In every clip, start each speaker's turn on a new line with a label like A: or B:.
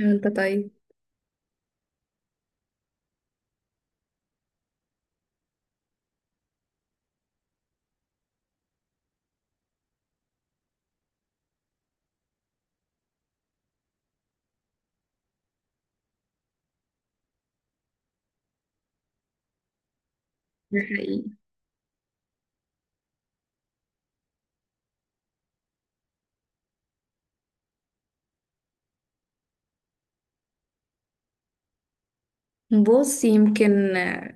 A: انت طيب. ده حقيقي. بص يمكن،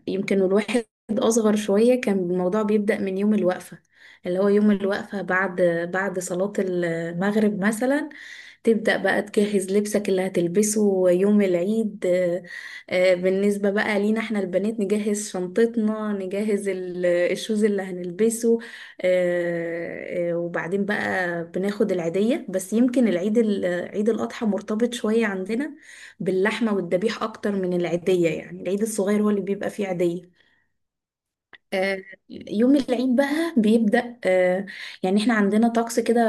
A: يمكن اصغر شويه كان الموضوع بيبدا من يوم الوقفه، اللي هو يوم الوقفه بعد صلاه المغرب مثلا، تبدأ بقى تجهز لبسك اللي هتلبسه يوم العيد. بالنسبة بقى لينا احنا البنات نجهز شنطتنا نجهز الشوز اللي هنلبسه. وبعدين بقى بناخد العيدية، بس يمكن العيد عيد الأضحى مرتبط شوية عندنا باللحمة والذبيح أكتر من العيدية، يعني العيد الصغير هو اللي بيبقى فيه عيدية. آه، يوم العيد بقى بيبدأ، يعني احنا عندنا طقس كده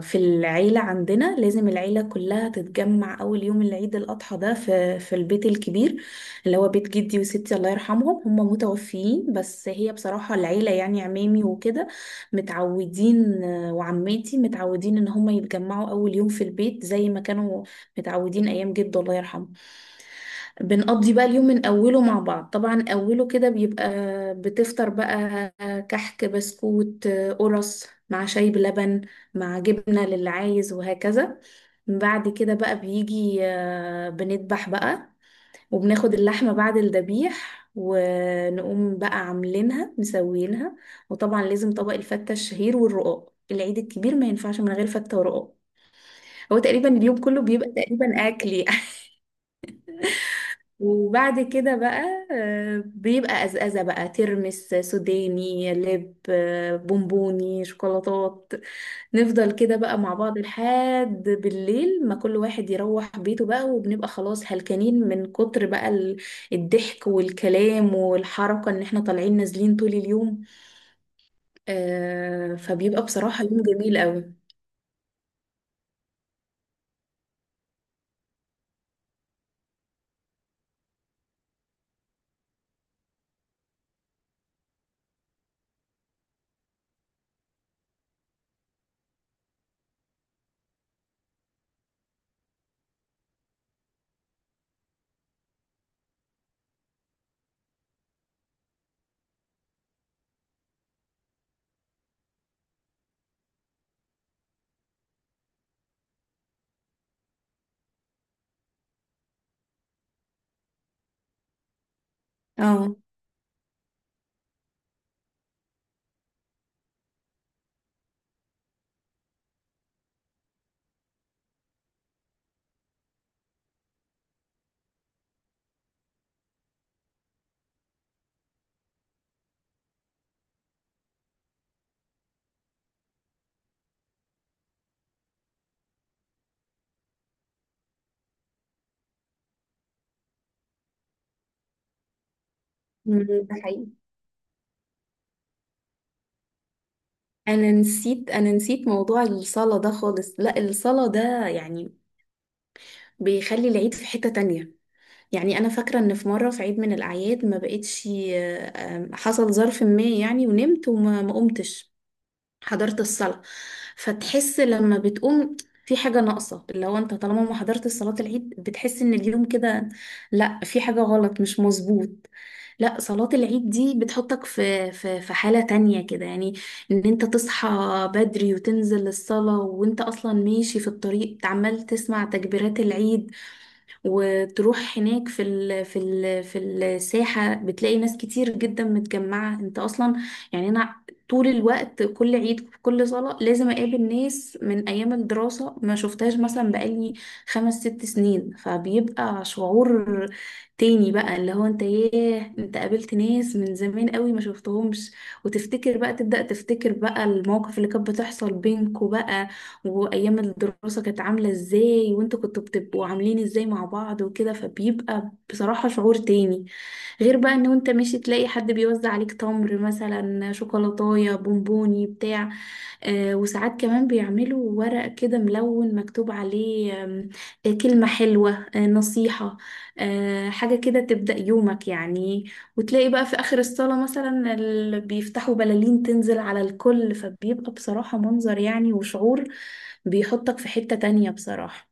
A: في العيلة، عندنا لازم العيلة كلها تتجمع أول يوم العيد الأضحى ده في البيت الكبير، اللي هو بيت جدي وستي الله يرحمهم، هم متوفيين بس هي بصراحة العيلة يعني عمامي وكده متعودين، وعماتي متعودين إن هم يتجمعوا أول يوم في البيت زي ما كانوا متعودين أيام جده الله يرحمه. بنقضي بقى اليوم من أوله مع بعض، طبعا أوله كده بيبقى بتفطر بقى كحك بسكوت قرص مع شاي بلبن مع جبنة للي عايز وهكذا. بعد كده بقى بيجي، بنذبح بقى وبناخد اللحمة بعد الذبيح ونقوم بقى عاملينها مسويينها، وطبعا لازم طبق الفتة الشهير والرقاق، العيد الكبير ما ينفعش من غير فتة ورقاق. هو تقريبا اليوم كله بيبقى تقريبا أكل يعني. وبعد كده بقى بيبقى أزأزة بقى ترمس سوداني لب، بونبوني شوكولاتات. نفضل كده بقى مع بعض لحد بالليل ما كل واحد يروح بيته بقى، وبنبقى خلاص هلكانين من كتر بقى الضحك والكلام والحركة ان احنا طالعين نازلين طول اليوم. فبيبقى بصراحة يوم جميل قوي. اه. ده حقيقي. انا نسيت موضوع الصلاة ده خالص، لا الصلاة ده يعني بيخلي العيد في حتة تانية. يعني أنا فاكرة إن في مرة في عيد من الأعياد ما بقتش، حصل ظرف ما يعني ونمت ما قمتش حضرت الصلاة، فتحس لما بتقوم في حاجة ناقصة. لو أنت طالما ما حضرت صلاة العيد بتحس إن اليوم كده، لأ في حاجة غلط مش مظبوط. لأ صلاة العيد دي بتحطك في في حالة تانية كده يعني، إن أنت تصحى بدري وتنزل الصلاة وأنت أصلا ماشي في الطريق عمال تسمع تكبيرات العيد، وتروح هناك في ال في ال في الساحة بتلاقي ناس كتير جدا متجمعة. انت اصلا يعني انا طول الوقت كل عيد كل صلاة لازم اقابل ناس من ايام الدراسة ما شفتهاش مثلا بقالي خمس ست سنين، فبيبقى شعور تاني بقى، اللي هو انت ياه انت قابلت ناس من زمان قوي ما شفتهمش، وتفتكر بقى تبدأ تفتكر بقى المواقف اللي كانت بتحصل بينكوا بقى، وايام الدراسة كانت عاملة ازاي وانتوا كنتوا بتبقوا عاملين ازاي مع بعض وكده، فبيبقى بصراحة شعور تاني، غير بقى ان انت ماشي تلاقي حد بيوزع عليك تمر مثلا شوكولاتاية بونبوني بتاع، وساعات كمان بيعملوا ورق كده ملون مكتوب عليه كلمة حلوة، نصيحة، حاجة كده تبدأ يومك يعني. وتلاقي بقى في آخر الصلاة مثلا بيفتحوا بلالين تنزل على الكل، فبيبقى بصراحة منظر يعني وشعور بيحطك في حتة تانية بصراحة.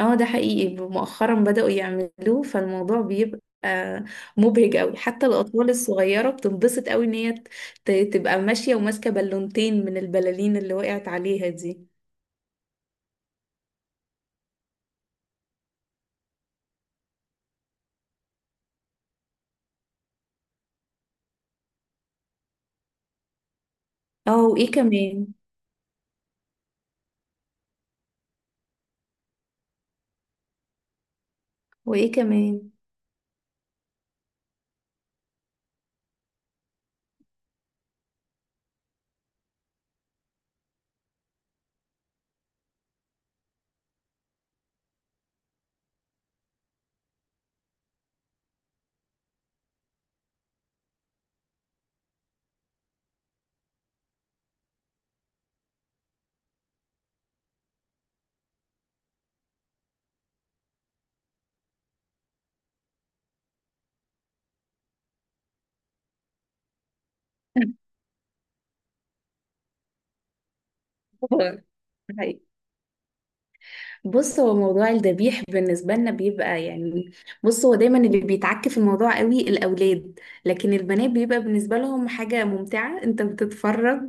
A: اه ده حقيقي، مؤخرا بدأوا يعملوه فالموضوع بيبقى مبهج قوي، حتى الأطفال الصغيرة بتنبسط قوي إن هي تبقى ماشية وماسكة بالونتين من البلالين اللي وقعت عليها دي. اه وإيه كمان؟ وإيه كمان؟ ده حقيقي. بص هو موضوع الذبيح بالنسبة لنا بيبقى يعني، بص هو دايما اللي بيتعك في الموضوع قوي الأولاد، لكن البنات بيبقى بالنسبة لهم حاجة ممتعة. انت بتتفرج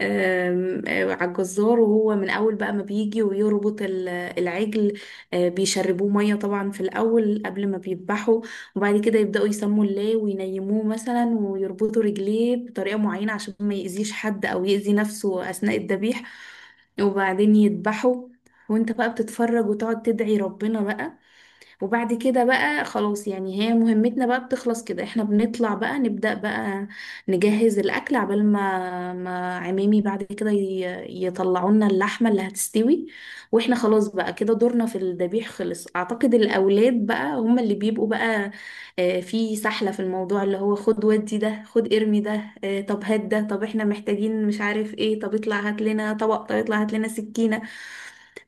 A: آم، آه، على الجزار وهو من أول بقى ما بيجي ويربط العجل، بيشربوه مية طبعا في الأول قبل ما بيذبحوا، وبعد كده يبدأوا يسموا الله وينيموه مثلا ويربطوا رجليه بطريقة معينة عشان ما يأذيش حد أو يأذي نفسه أثناء الذبيح، وبعدين يذبحوا، وانت بقى بتتفرج وتقعد تدعي ربنا بقى. وبعد كده بقى خلاص يعني، هي مهمتنا بقى بتخلص كده، احنا بنطلع بقى نبدأ بقى نجهز الأكل عبال ما عمامي بعد كده يطلعوا لنا اللحمة اللي هتستوي، واحنا خلاص بقى كده دورنا في الذبيح خلص. أعتقد الأولاد بقى هم اللي بيبقوا بقى في سحلة في الموضوع، اللي هو خد ودي ده خد ارمي ده، طب هات ده طب احنا محتاجين مش عارف ايه، طب اطلع هات لنا طبق، طب اطلع هات لنا سكينة.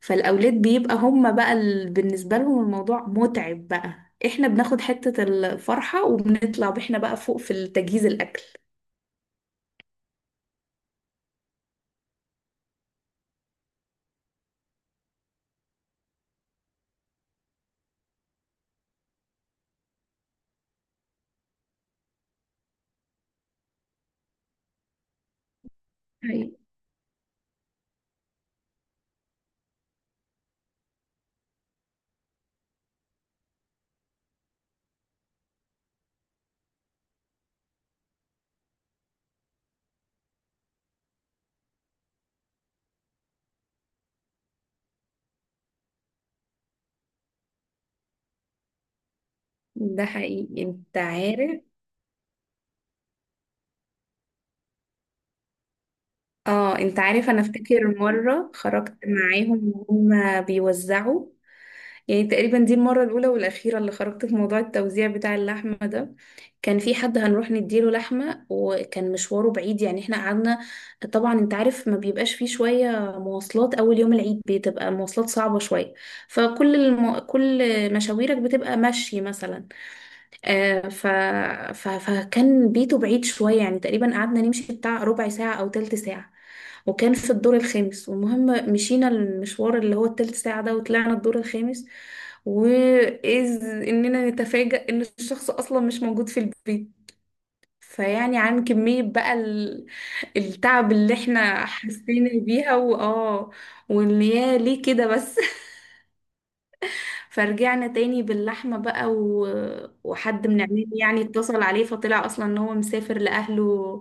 A: فالأولاد بيبقى هم بقى بالنسبة لهم الموضوع متعب بقى، احنا بناخد حتة الفرحة وبنطلع بإحنا بقى فوق في التجهيز الأكل. حقيقي. ده حقيقي. انت عارف؟ اه انت عارف انا افتكر مرة خرجت معاهم وهم بيوزعوا، يعني تقريبا دي المرة الأولى والأخيرة اللي خرجت في موضوع التوزيع بتاع اللحمة ده. كان في حد هنروح نديله لحمة وكان مشواره بعيد، يعني احنا قعدنا، طبعا انت عارف ما بيبقاش فيه شوية مواصلات، أول يوم العيد بتبقى مواصلات صعبة شوية، فكل كل مشاويرك بتبقى مشي مثلا. آه، ف... فكان بيته بعيد شوية، يعني تقريبا قعدنا نمشي بتاع ربع ساعة أو تلت ساعة، وكان في الدور الخامس، والمهم مشينا المشوار اللي هو التلت ساعة ده وطلعنا الدور الخامس، وإذ إننا نتفاجأ إن الشخص أصلا مش موجود في البيت. فيعني عن كمية بقى التعب اللي احنا حسينا بيها وآه، واللي يا ليه كده بس. فرجعنا تاني باللحمة بقى وحد من عمامي يعني اتصل عليه فطلع أصلا إن هو مسافر لأهله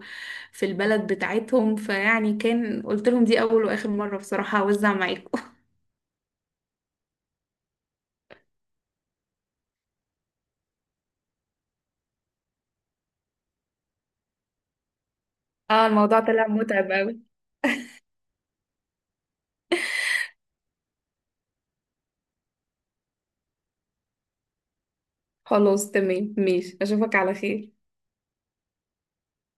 A: في البلد بتاعتهم. فيعني كان قلت لهم دي أول وآخر مرة بصراحة هوزع معاكم. اه الموضوع طلع متعب أوي. خلاص تمام ماشي، أشوفك على خير.